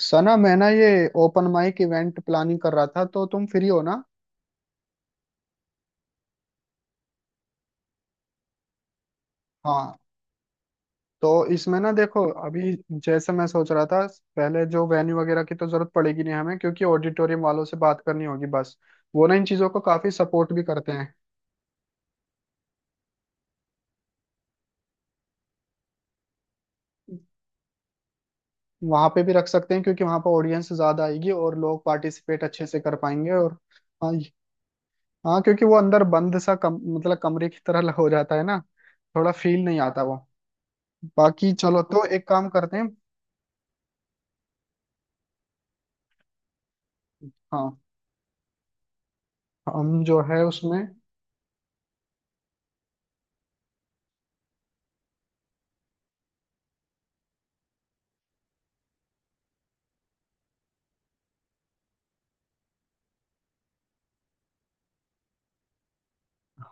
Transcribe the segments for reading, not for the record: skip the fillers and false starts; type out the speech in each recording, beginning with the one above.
सना मैं ना ये ओपन माइक इवेंट प्लानिंग कर रहा था, तो तुम फ्री हो ना। हाँ, तो इसमें ना देखो अभी, जैसे मैं सोच रहा था, पहले जो वेन्यू वगैरह की तो जरूरत पड़ेगी नहीं हमें क्योंकि ऑडिटोरियम वालों से बात करनी होगी बस। वो ना इन चीज़ों को काफ़ी सपोर्ट भी करते हैं। वहाँ पे भी रख सकते हैं क्योंकि वहाँ पर ऑडियंस ज़्यादा आएगी और लोग पार्टिसिपेट अच्छे से कर पाएंगे, और हाँ ये- हाँ क्योंकि वो अंदर बंद सा कम मतलब कमरे की तरह हो जाता है ना, थोड़ा फील नहीं आता वो। बाकी चलो, तो एक काम करते हैं। हाँ, हम जो है उसमें,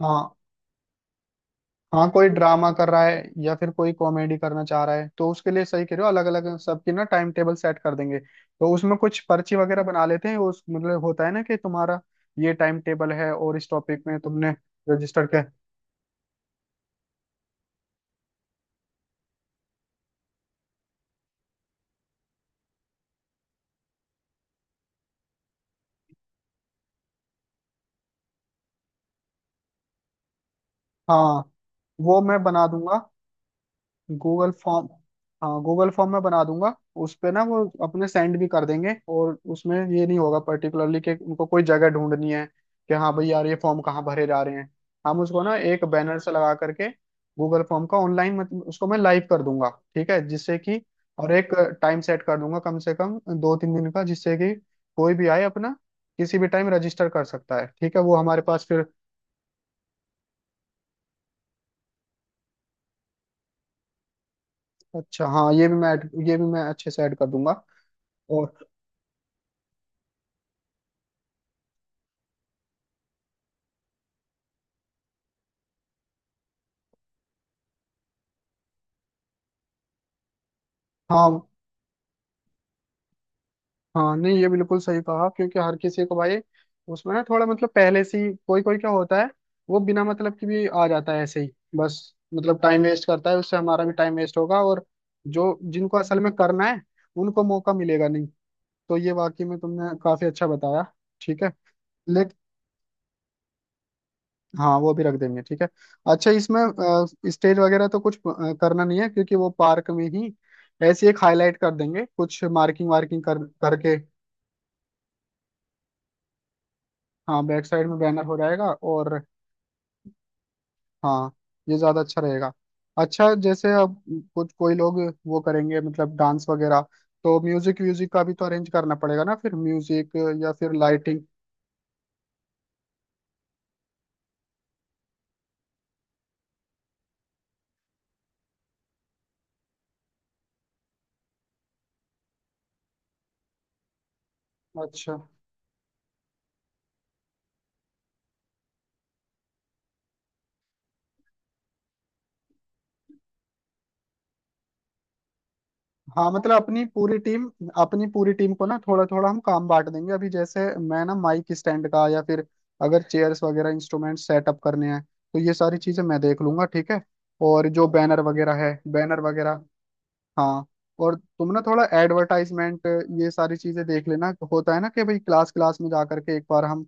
हाँ, हाँ कोई ड्रामा कर रहा है या फिर कोई कॉमेडी करना चाह रहा है तो उसके लिए सही कह रहे हो, अलग अलग सबकी ना टाइम टेबल सेट कर देंगे, तो उसमें कुछ पर्ची वगैरह बना लेते हैं उस, मतलब होता है ना कि तुम्हारा ये टाइम टेबल है और इस टॉपिक में तुमने रजिस्टर किया है। हाँ वो मैं बना दूंगा गूगल फॉर्म। हाँ, गूगल फॉर्म में बना दूंगा। उस पे ना वो अपने सेंड भी कर देंगे, और उसमें ये नहीं होगा पर्टिकुलरली कि उनको कोई जगह ढूंढनी है कि हाँ भाई यार ये फॉर्म कहाँ भरे जा रहे हैं। हम उसको ना एक बैनर से लगा करके गूगल फॉर्म का ऑनलाइन, मतलब उसको मैं लाइव कर दूंगा, ठीक है, जिससे कि और एक टाइम सेट कर दूंगा कम से कम 2 3 दिन का, जिससे कि कोई भी आए अपना किसी भी टाइम रजिस्टर कर सकता है। ठीक है, वो हमारे पास फिर। अच्छा हाँ, ये भी मैं ये भी मैं अच्छे से ऐड कर दूंगा। और हाँ, हाँ नहीं, ये बिल्कुल सही कहा, क्योंकि हर किसी को भाई, उसमें ना थोड़ा मतलब पहले से ही कोई कोई क्या होता है, वो बिना मतलब की भी आ जाता है ऐसे ही, बस मतलब टाइम वेस्ट करता है, उससे हमारा भी टाइम वेस्ट होगा, और जो जिनको असल में करना है उनको मौका मिलेगा नहीं। तो ये वाकई में तुमने काफी अच्छा बताया। ठीक है, लेकिन हाँ वो भी रख देंगे, ठीक है। अच्छा इसमें स्टेज वगैरह तो कुछ करना नहीं है क्योंकि वो पार्क में ही ऐसे एक हाईलाइट कर देंगे कुछ मार्किंग वार्किंग कर करके। हाँ बैक साइड में बैनर हो जाएगा, और हाँ ये ज्यादा अच्छा रहेगा। अच्छा, जैसे अब कुछ कोई लोग वो करेंगे मतलब डांस वगैरह, तो म्यूजिक व्यूजिक का भी तो अरेंज करना पड़ेगा ना, फिर म्यूजिक या फिर लाइटिंग। अच्छा, हाँ मतलब अपनी पूरी टीम को ना थोड़ा थोड़ा हम काम बांट देंगे। अभी जैसे मैं ना माइक स्टैंड का, या फिर अगर चेयर्स वगैरह इंस्ट्रूमेंट सेटअप करने हैं तो ये सारी चीजें मैं देख लूंगा, ठीक है। और जो बैनर वगैरह है, बैनर वगैरह, हाँ, और तुम ना थोड़ा एडवर्टाइजमेंट ये सारी चीजें देख लेना। होता है ना कि भाई क्लास क्लास में जा करके एक बार हम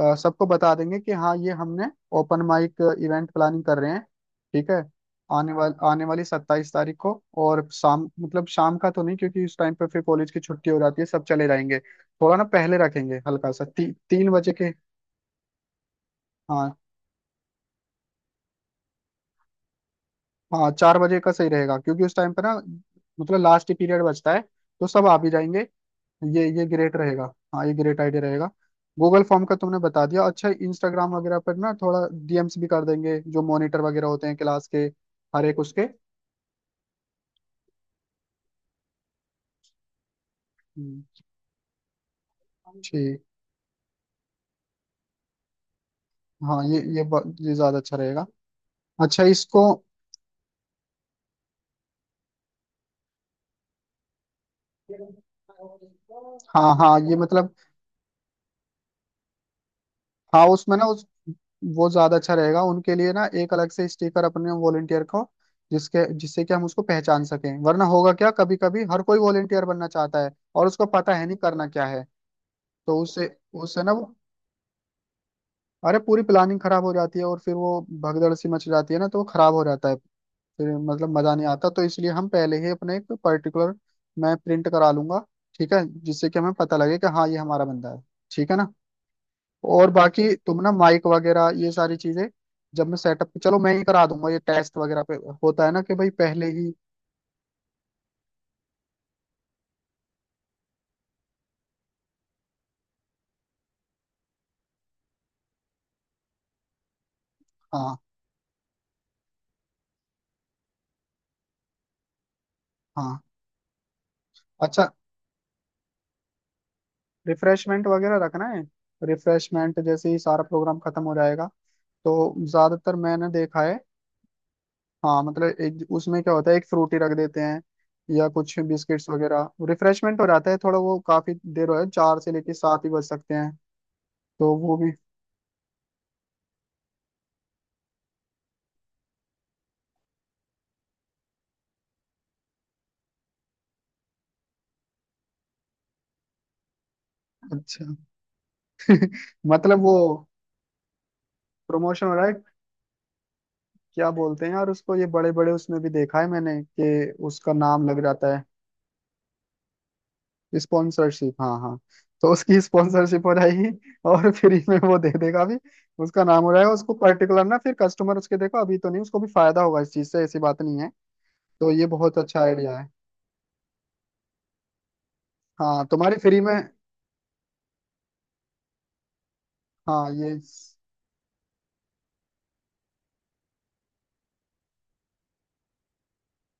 सबको बता देंगे कि हाँ ये हमने ओपन माइक इवेंट प्लानिंग कर रहे हैं, ठीक है। आने वाली 27 तारीख को, और शाम, मतलब शाम का तो नहीं क्योंकि उस टाइम पे फिर कॉलेज की छुट्टी हो जाती है, सब चले जाएंगे, थोड़ा ना पहले रखेंगे हल्का सा 3 बजे के। हाँ, हाँ 4 बजे का सही रहेगा क्योंकि उस टाइम पे ना मतलब लास्ट पीरियड बचता है तो सब आ भी जाएंगे। ये ग्रेट रहेगा। हाँ ये ग्रेट आइडिया रहेगा। गूगल फॉर्म का तुमने बता दिया। अच्छा, इंस्टाग्राम वगैरह पर ना थोड़ा डीएम्स भी कर देंगे, जो मॉनिटर वगैरह होते हैं क्लास के हर एक उसके। हम्म, ठीक, हाँ ये ज्यादा अच्छा रहेगा। अच्छा इसको, हाँ हाँ ये मतलब, हाँ उसमें ना उस, वो ज्यादा अच्छा रहेगा उनके लिए ना, एक अलग से स्टिकर अपने वॉलेंटियर को जिसके जिससे कि हम उसको पहचान सकें, वरना होगा क्या, कभी कभी हर कोई वॉलेंटियर बनना चाहता है और उसको पता है नहीं करना क्या है। तो उससे उससे ना वो, अरे पूरी प्लानिंग खराब हो जाती है और फिर वो भगदड़ सी मच जाती है ना, तो वो खराब हो जाता है। फिर मतलब मजा नहीं आता, तो इसलिए हम पहले ही अपने एक पर्टिकुलर, मैं प्रिंट करा लूंगा, ठीक है, जिससे कि हमें पता लगे कि हाँ ये हमारा बंदा है। ठीक है ना। और बाकी तुम ना माइक वगैरह ये सारी चीजें, जब मैं सेटअप, चलो मैं ही करा दूंगा, ये टेस्ट वगैरह पे होता है ना कि भाई पहले ही, हाँ, हाँ। अच्छा, रिफ्रेशमेंट वगैरह रखना है। रिफ्रेशमेंट जैसे ही सारा प्रोग्राम खत्म हो जाएगा, तो ज्यादातर मैंने देखा है, हाँ मतलब एक उसमें क्या होता है, एक फ्रूटी रख देते हैं या कुछ बिस्किट्स वगैरह, रिफ्रेशमेंट हो जाता है थोड़ा, वो काफी देर हो है, 4 से लेके 7 ही बज सकते हैं। तो वो भी, अच्छा, मतलब वो प्रमोशन हो रहा है। क्या बोलते हैं यार उसको, ये बड़े बड़े उसमें भी देखा है मैंने कि उसका नाम लग जाता है। स्पॉन्सरशिप, हाँ हाँ, तो उसकी स्पॉन्सरशिप हो जाएगी, और फ्री में वो दे देगा भी, उसका नाम हो जाएगा उसको पर्टिकुलर ना, फिर कस्टमर उसके देखो, अभी तो नहीं, उसको भी फायदा होगा इस चीज से, ऐसी बात नहीं है। तो ये बहुत अच्छा आइडिया है। हाँ तुम्हारी फ्री में, हाँ ये,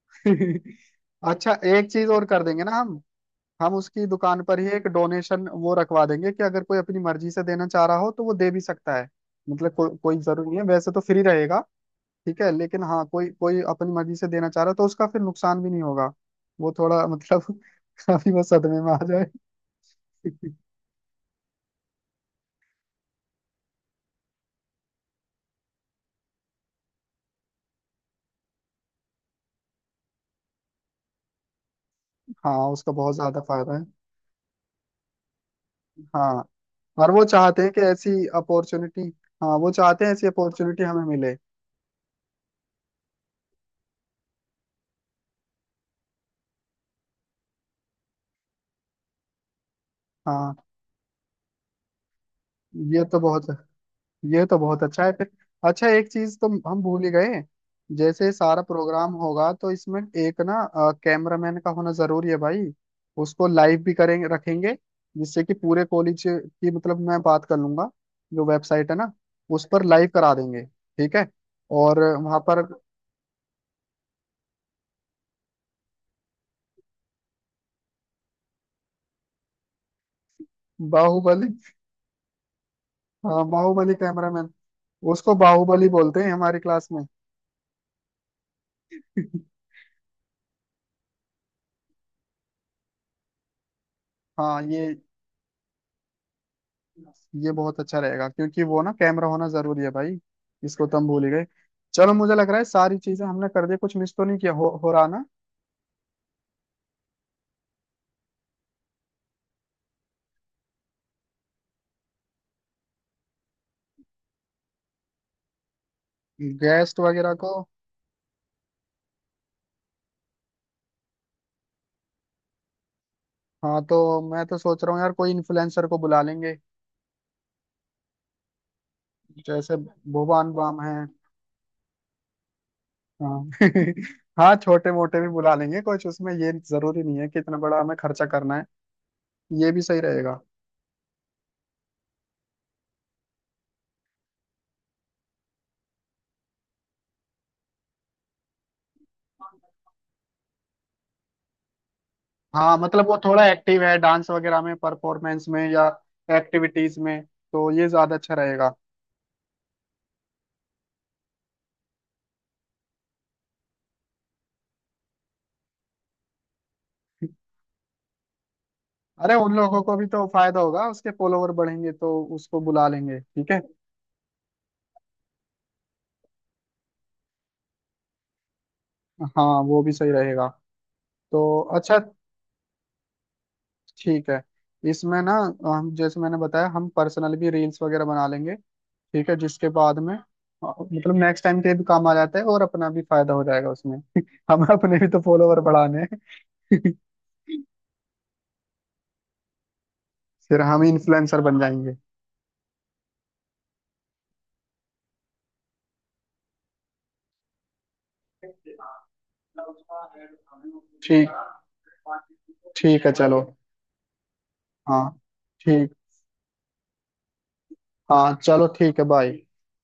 अच्छा एक चीज और कर देंगे ना हम। हम उसकी दुकान पर ही एक डोनेशन वो रखवा देंगे कि अगर कोई अपनी मर्जी से देना चाह रहा हो तो वो दे भी सकता है। मतलब कोई जरूरी नहीं है, वैसे तो फ्री रहेगा, ठीक है, लेकिन हाँ कोई कोई अपनी मर्जी से देना चाह रहा है तो उसका फिर नुकसान भी नहीं होगा। वो थोड़ा मतलब अभी वो सदमे में आ जाए। हाँ उसका बहुत ज्यादा फायदा है। हाँ, और वो चाहते हैं कि ऐसी अपॉर्चुनिटी, हाँ वो चाहते हैं ऐसी अपॉर्चुनिटी हमें मिले। हाँ ये तो बहुत ये तो बहुत अच्छा है फिर। अच्छा, एक चीज तो हम भूल ही गए। जैसे सारा प्रोग्राम होगा तो इसमें एक ना कैमरामैन का होना जरूरी है भाई। उसको लाइव भी करेंगे रखेंगे, जिससे कि पूरे कॉलेज की, मतलब मैं बात कर लूंगा, जो वेबसाइट है ना उस पर लाइव करा देंगे, ठीक है। और वहां पर बाहुबली, हाँ बाहुबली कैमरामैन, उसको बाहुबली बोलते हैं हमारी क्लास में। हाँ ये बहुत अच्छा रहेगा क्योंकि वो ना कैमरा होना जरूरी है भाई। इसको तो हम भूल ही गए। चलो मुझे लग रहा है सारी चीजें हमने कर दी, कुछ मिस तो नहीं किया हो रहा ना। गेस्ट वगैरह को, हाँ तो मैं तो सोच रहा हूँ यार कोई इन्फ्लुएंसर को बुला लेंगे। जैसे भुवन बाम है। हाँ हाँ छोटे मोटे भी बुला लेंगे कुछ, उसमें ये जरूरी नहीं है कि इतना बड़ा हमें खर्चा करना है। ये भी सही रहेगा। हाँ मतलब वो थोड़ा एक्टिव है डांस वगैरह में परफॉर्मेंस में या एक्टिविटीज में, तो ये ज्यादा अच्छा रहेगा। अरे उन लोगों को भी तो फायदा होगा, उसके फॉलोवर बढ़ेंगे, तो उसको बुला लेंगे, ठीक है। हाँ वो भी सही रहेगा। तो अच्छा, ठीक है। इसमें ना हम, जैसे मैंने बताया, हम पर्सनल भी रील्स वगैरह बना लेंगे, ठीक है, जिसके बाद में मतलब नेक्स्ट टाइम के भी काम आ जाता है, और अपना भी फायदा हो जाएगा उसमें, हम अपने भी तो फॉलोवर बढ़ाने हैं। फिर हम इन्फ्लुएंसर बन जाएंगे। ठीक, ठीक है चलो। हाँ, ठीक, हाँ, चलो ठीक है बाय।